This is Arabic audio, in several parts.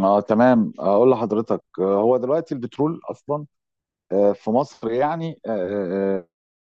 اه تمام، اقول لحضرتك، هو دلوقتي البترول اصلا في مصر يعني آه،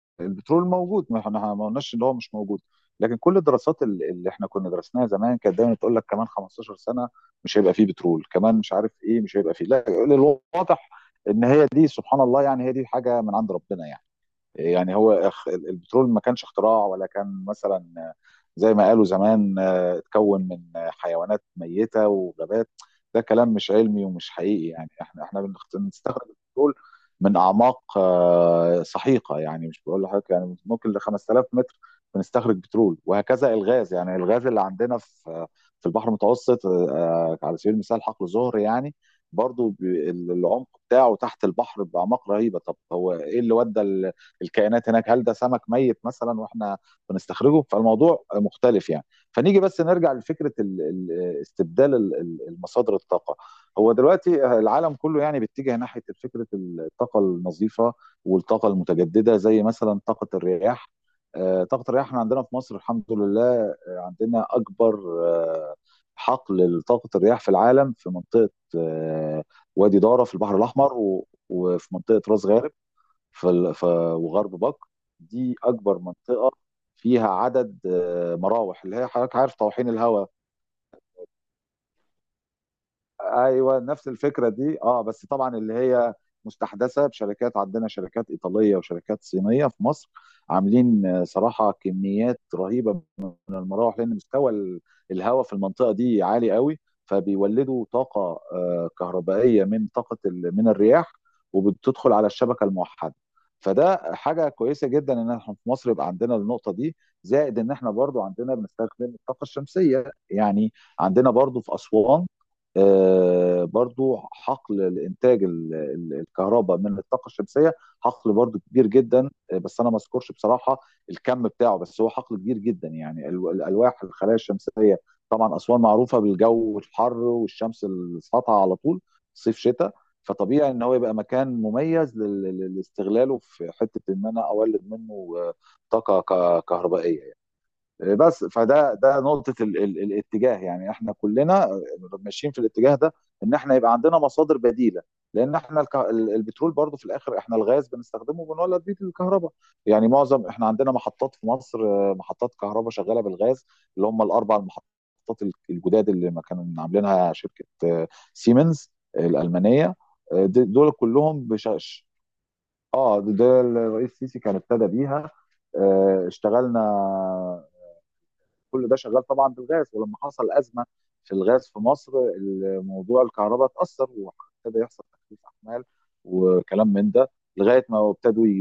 البترول موجود، ما احنا ما قلناش ان هو مش موجود. لكن كل الدراسات اللي احنا كنا درسناها زمان كانت دايما تقول لك كمان 15 سنه مش هيبقى فيه بترول، كمان مش عارف ايه مش هيبقى فيه، لا الواضح ان هي دي، سبحان الله، يعني هي دي حاجه من عند ربنا يعني. يعني هو البترول ما كانش اختراع، ولا كان مثلا زي ما قالوا زمان، اتكون من حيوانات ميتة وغابات. ده كلام مش علمي ومش حقيقي. يعني احنا بنستخرج البترول من اعماق سحيقة، يعني مش بقول لحضرتك، يعني ممكن ل 5,000 متر بنستخرج بترول، وهكذا الغاز. يعني الغاز اللي عندنا في البحر المتوسط، على سبيل المثال حقل زهر. يعني برضو العمق بتاعه تحت البحر بأعماق رهيبة. طب هو ايه اللي ودى الكائنات هناك؟ هل ده سمك ميت مثلا واحنا بنستخرجه؟ فالموضوع مختلف يعني. فنيجي بس نرجع لفكره استبدال المصادر الطاقه. هو دلوقتي العالم كله يعني بيتجه ناحيه فكره الطاقه النظيفه والطاقه المتجدده، زي مثلا طاقه الرياح. طاقه الرياح، احنا عندنا في مصر الحمد لله، عندنا اكبر آه، حقل لطاقه الرياح في العالم، في منطقه آه، وادي داره في البحر الاحمر، وفي منطقه راس غارب، في وغرب بكر. دي اكبر منطقه فيها عدد مراوح، اللي هي حضرتك عارف طواحين الهواء. ايوه، نفس الفكره دي، اه بس طبعا اللي هي مستحدثه بشركات. عندنا شركات ايطاليه وشركات صينيه في مصر عاملين، صراحه، كميات رهيبه من المراوح، لان مستوى الهواء في المنطقه دي عالي قوي، فبيولدوا طاقه كهربائيه من طاقه من الرياح، وبتدخل على الشبكه الموحده. فده حاجه كويسه جدا ان احنا في مصر يبقى عندنا النقطه دي، زائد ان احنا برضو عندنا بنستخدم الطاقه الشمسيه. يعني عندنا برضو في اسوان، برضو حقل الانتاج الكهرباء من الطاقه الشمسيه. حقل برضو كبير جدا، بس انا ما اذكرش بصراحه الكم بتاعه، بس هو حقل كبير جدا. يعني الالواح الخلايا الشمسيه، طبعا اسوان معروفه بالجو الحر والشمس الساطعه على طول، صيف شتاء، فطبيعي ان هو يبقى مكان مميز لاستغلاله في حته ان انا اولد منه طاقه كهربائيه. بس فده ده نقطة ال ال الاتجاه، يعني احنا كلنا ماشيين في الاتجاه ده، ان احنا يبقى عندنا مصادر بديلة، لان احنا البترول برضو في الاخر احنا الغاز بنستخدمه وبنولد بيه الكهرباء. يعني معظم، احنا عندنا محطات في مصر، محطات كهرباء شغالة بالغاز، اللي هم الاربع المحطات الجداد اللي ما كانوا عاملينها شركة سيمنز الألمانية. دول كلهم بشاش. اه، ده الرئيس السيسي كان ابتدى بيها. اشتغلنا، كل ده شغال طبعا بالغاز. ولما حصل ازمه في الغاز في مصر، موضوع الكهرباء اتاثر وابتدى يحصل تخفيف احمال وكلام من ده، لغايه ما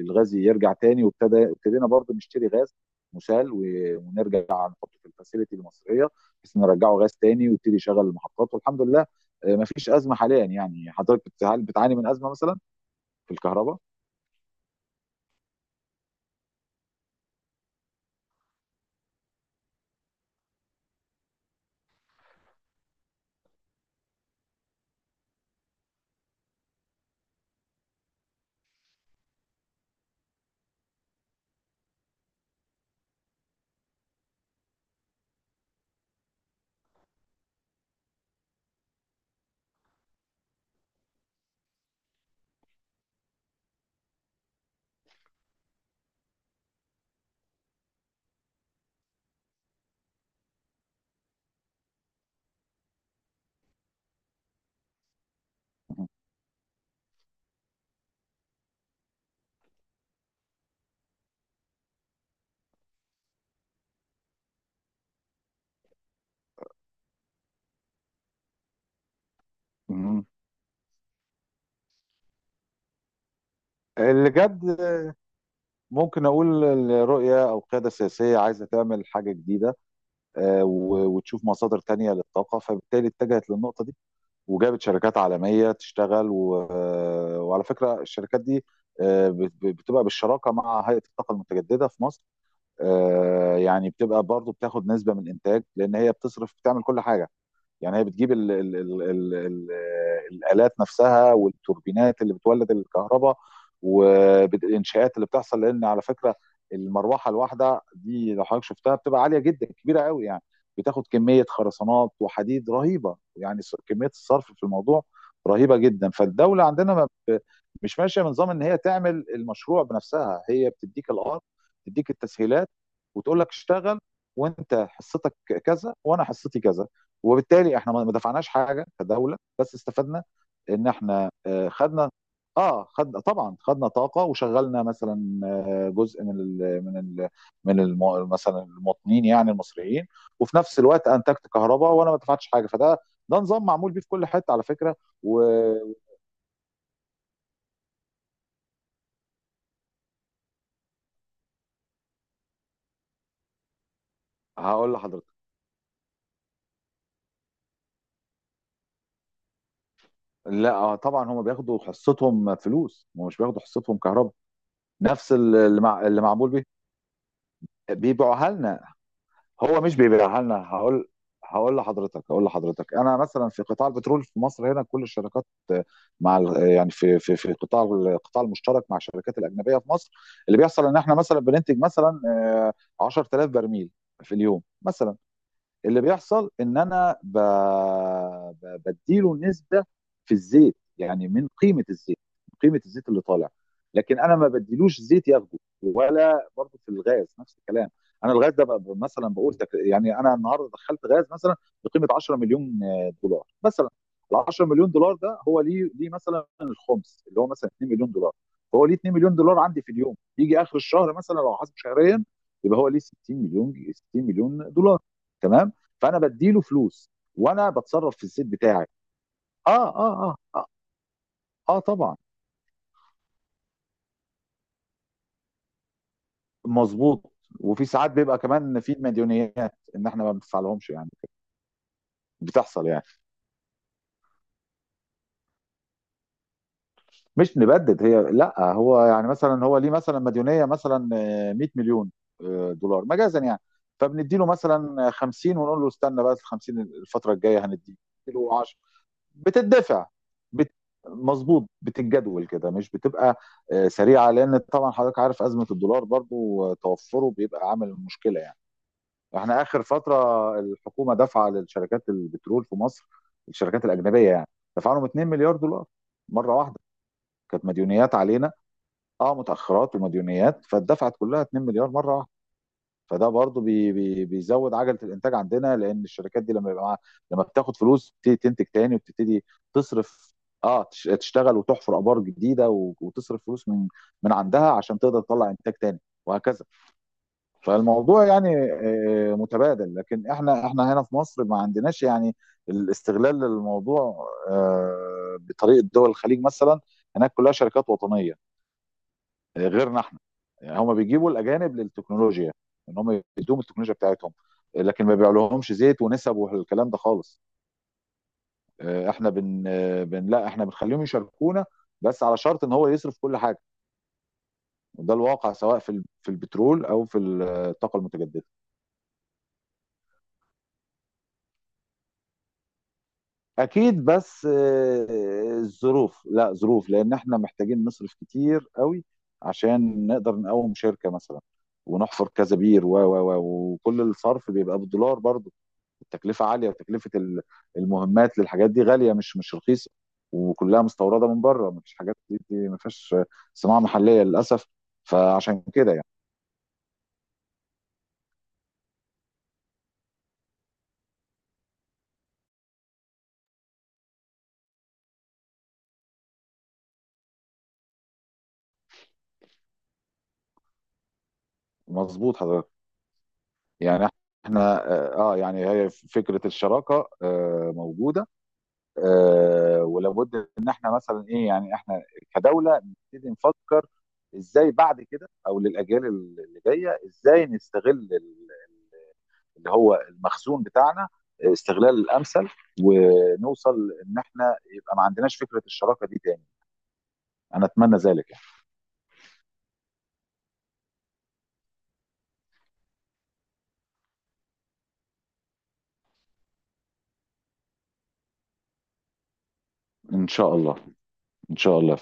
الغاز يرجع تاني، ابتدينا برضه نشتري غاز مسال، ونرجع نحطه في الفاسيلتي المصريه بحيث نرجعه غاز تاني ويبتدي يشغل المحطات. والحمد لله ما فيش ازمه حاليا. يعني حضرتك بتعاني من ازمه مثلا في الكهرباء؟ مم. اللي جد ممكن اقول الرؤيه، او قياده سياسيه عايزه تعمل حاجه جديده وتشوف مصادر تانية للطاقة، فبالتالي اتجهت للنقطة دي وجابت شركات عالمية تشتغل. وعلى فكرة الشركات دي بتبقى بالشراكة مع هيئة الطاقة المتجددة في مصر. يعني بتبقى برضو بتاخد نسبة من الإنتاج، لأن هي بتصرف بتعمل كل حاجة. يعني هي بتجيب ال ال ال ال ال الآلات نفسها والتوربينات اللي بتولد الكهرباء والإنشاءات اللي بتحصل. لأن على فكرة، المروحة الواحدة دي لو حضرتك شفتها بتبقى عالية جدا، كبيرة قوي يعني، بتاخد كمية خرسانات وحديد رهيبة يعني. كمية الصرف في الموضوع رهيبة جدا. فالدولة عندنا ما ب- مش ماشية بنظام إن هي تعمل المشروع بنفسها. هي بتديك الأرض، تديك التسهيلات وتقول لك اشتغل، وانت حصتك كذا وانا حصتي كذا. وبالتالي احنا ما دفعناش حاجه كدوله، بس استفدنا ان احنا خدنا. طبعا خدنا طاقه، وشغلنا مثلا جزء من ال مثلا المواطنين، يعني المصريين. وفي نفس الوقت انتجت كهرباء وانا ما دفعتش حاجه. فده ده نظام معمول بيه في كل حته على فكره. وهقول لحضرتك، لا طبعا هم بياخدوا حصتهم فلوس، ومش بياخدوا حصتهم كهرباء. نفس اللي معمول بيه. بيبيعوها لنا. هو مش بيبيعها لنا. هقول لحضرتك، انا مثلا في قطاع البترول في مصر هنا، كل الشركات آه، مع ال- آه، يعني في القطاع المشترك مع الشركات الاجنبيه في مصر. اللي بيحصل ان احنا مثلا بننتج مثلا 10,000 برميل في اليوم مثلا. اللي بيحصل ان انا بديله نسبه في الزيت، يعني من قيمه الزيت، من قيمه الزيت اللي طالع. لكن انا ما بديلوش زيت ياخده. ولا برضه في الغاز نفس الكلام. انا الغاز ده بقى مثلا، يعني انا النهارده دخلت غاز مثلا بقيمه 10 مليون دولار مثلا. ال 10 مليون دولار ده، هو ليه، ليه مثلا الخمس اللي هو مثلا 2 مليون دولار. فهو ليه 2 مليون دولار عندي في اليوم، يجي اخر الشهر مثلا لو حاسب شهريا يبقى هو ليه 60 مليون، 60 مليون دولار، تمام. فانا بديله فلوس وانا بتصرف في الزيت بتاعي. اه اه اه اه، آه طبعا مظبوط. وفي ساعات بيبقى كمان في مديونيات ان احنا ما بندفعلهمش يعني، بتحصل يعني. مش نبدد هي، لا هو يعني مثلا، هو ليه مثلا مديونيه مثلا 100 مليون دولار مجازا يعني. فبندي له مثلا 50، ونقول له استنى بقى، ال 50 الفتره الجايه هنديك له 10. بتدفع بت... مظبوط، بتتجدول كده، مش بتبقى سريعه، لان طبعا حضرتك عارف ازمه الدولار برضو، توفره بيبقى عامل مشكله يعني. احنا اخر فتره الحكومه دفع للشركات البترول في مصر، الشركات الاجنبيه يعني، دفع لهم 2 مليار دولار مره واحده. كانت مديونيات علينا. اه، متاخرات ومديونيات فاتدفعت كلها 2 مليار مره واحده. فده برضو بي بي بيزود عجله الانتاج عندنا، لان الشركات دي لما يبقى معاها، لما بتاخد فلوس بتبتدي تنتج تاني، وبتبتدي تصرف، تشتغل وتحفر ابار جديده، وتصرف فلوس من عندها عشان تقدر تطلع انتاج تاني وهكذا. فالموضوع يعني متبادل، لكن احنا، هنا في مصر، ما عندناش يعني الاستغلال للموضوع بطريقه دول الخليج مثلا. هناك كلها شركات وطنيه غيرنا احنا. يعني هم بيجيبوا الاجانب للتكنولوجيا، ان هم يدوم التكنولوجيا بتاعتهم، لكن ما بيعلوهمش زيت ونسب والكلام ده خالص. آه، احنا بن, آه، بن لا احنا بنخليهم يشاركونا، بس على شرط ان هو يصرف كل حاجه. وده الواقع، سواء في البترول او في الطاقه المتجدده. اكيد، بس الظروف، لا ظروف، لان احنا محتاجين نصرف كتير قوي عشان نقدر نقوم شركه مثلا، ونحفر كذا بير و و و وكل الصرف بيبقى بالدولار برضو. التكلفه عاليه، وتكلفه المهمات للحاجات دي غاليه، مش رخيصه، وكلها مستورده من بره. مفيش حاجات مفيش صناعه محليه للاسف. فعشان كده يعني. مظبوط حضرتك. يعني احنا يعني هي فكره الشراكه موجوده، ولابد ان احنا مثلا ايه، يعني احنا كدوله نبتدي نفكر ازاي بعد كده، او للاجيال اللي جايه، ازاي نستغل اللي هو المخزون بتاعنا استغلال الامثل، ونوصل ان احنا يبقى ما عندناش فكره الشراكه دي تاني. انا اتمنى ذلك يعني. ان شاء الله. ان شاء الله.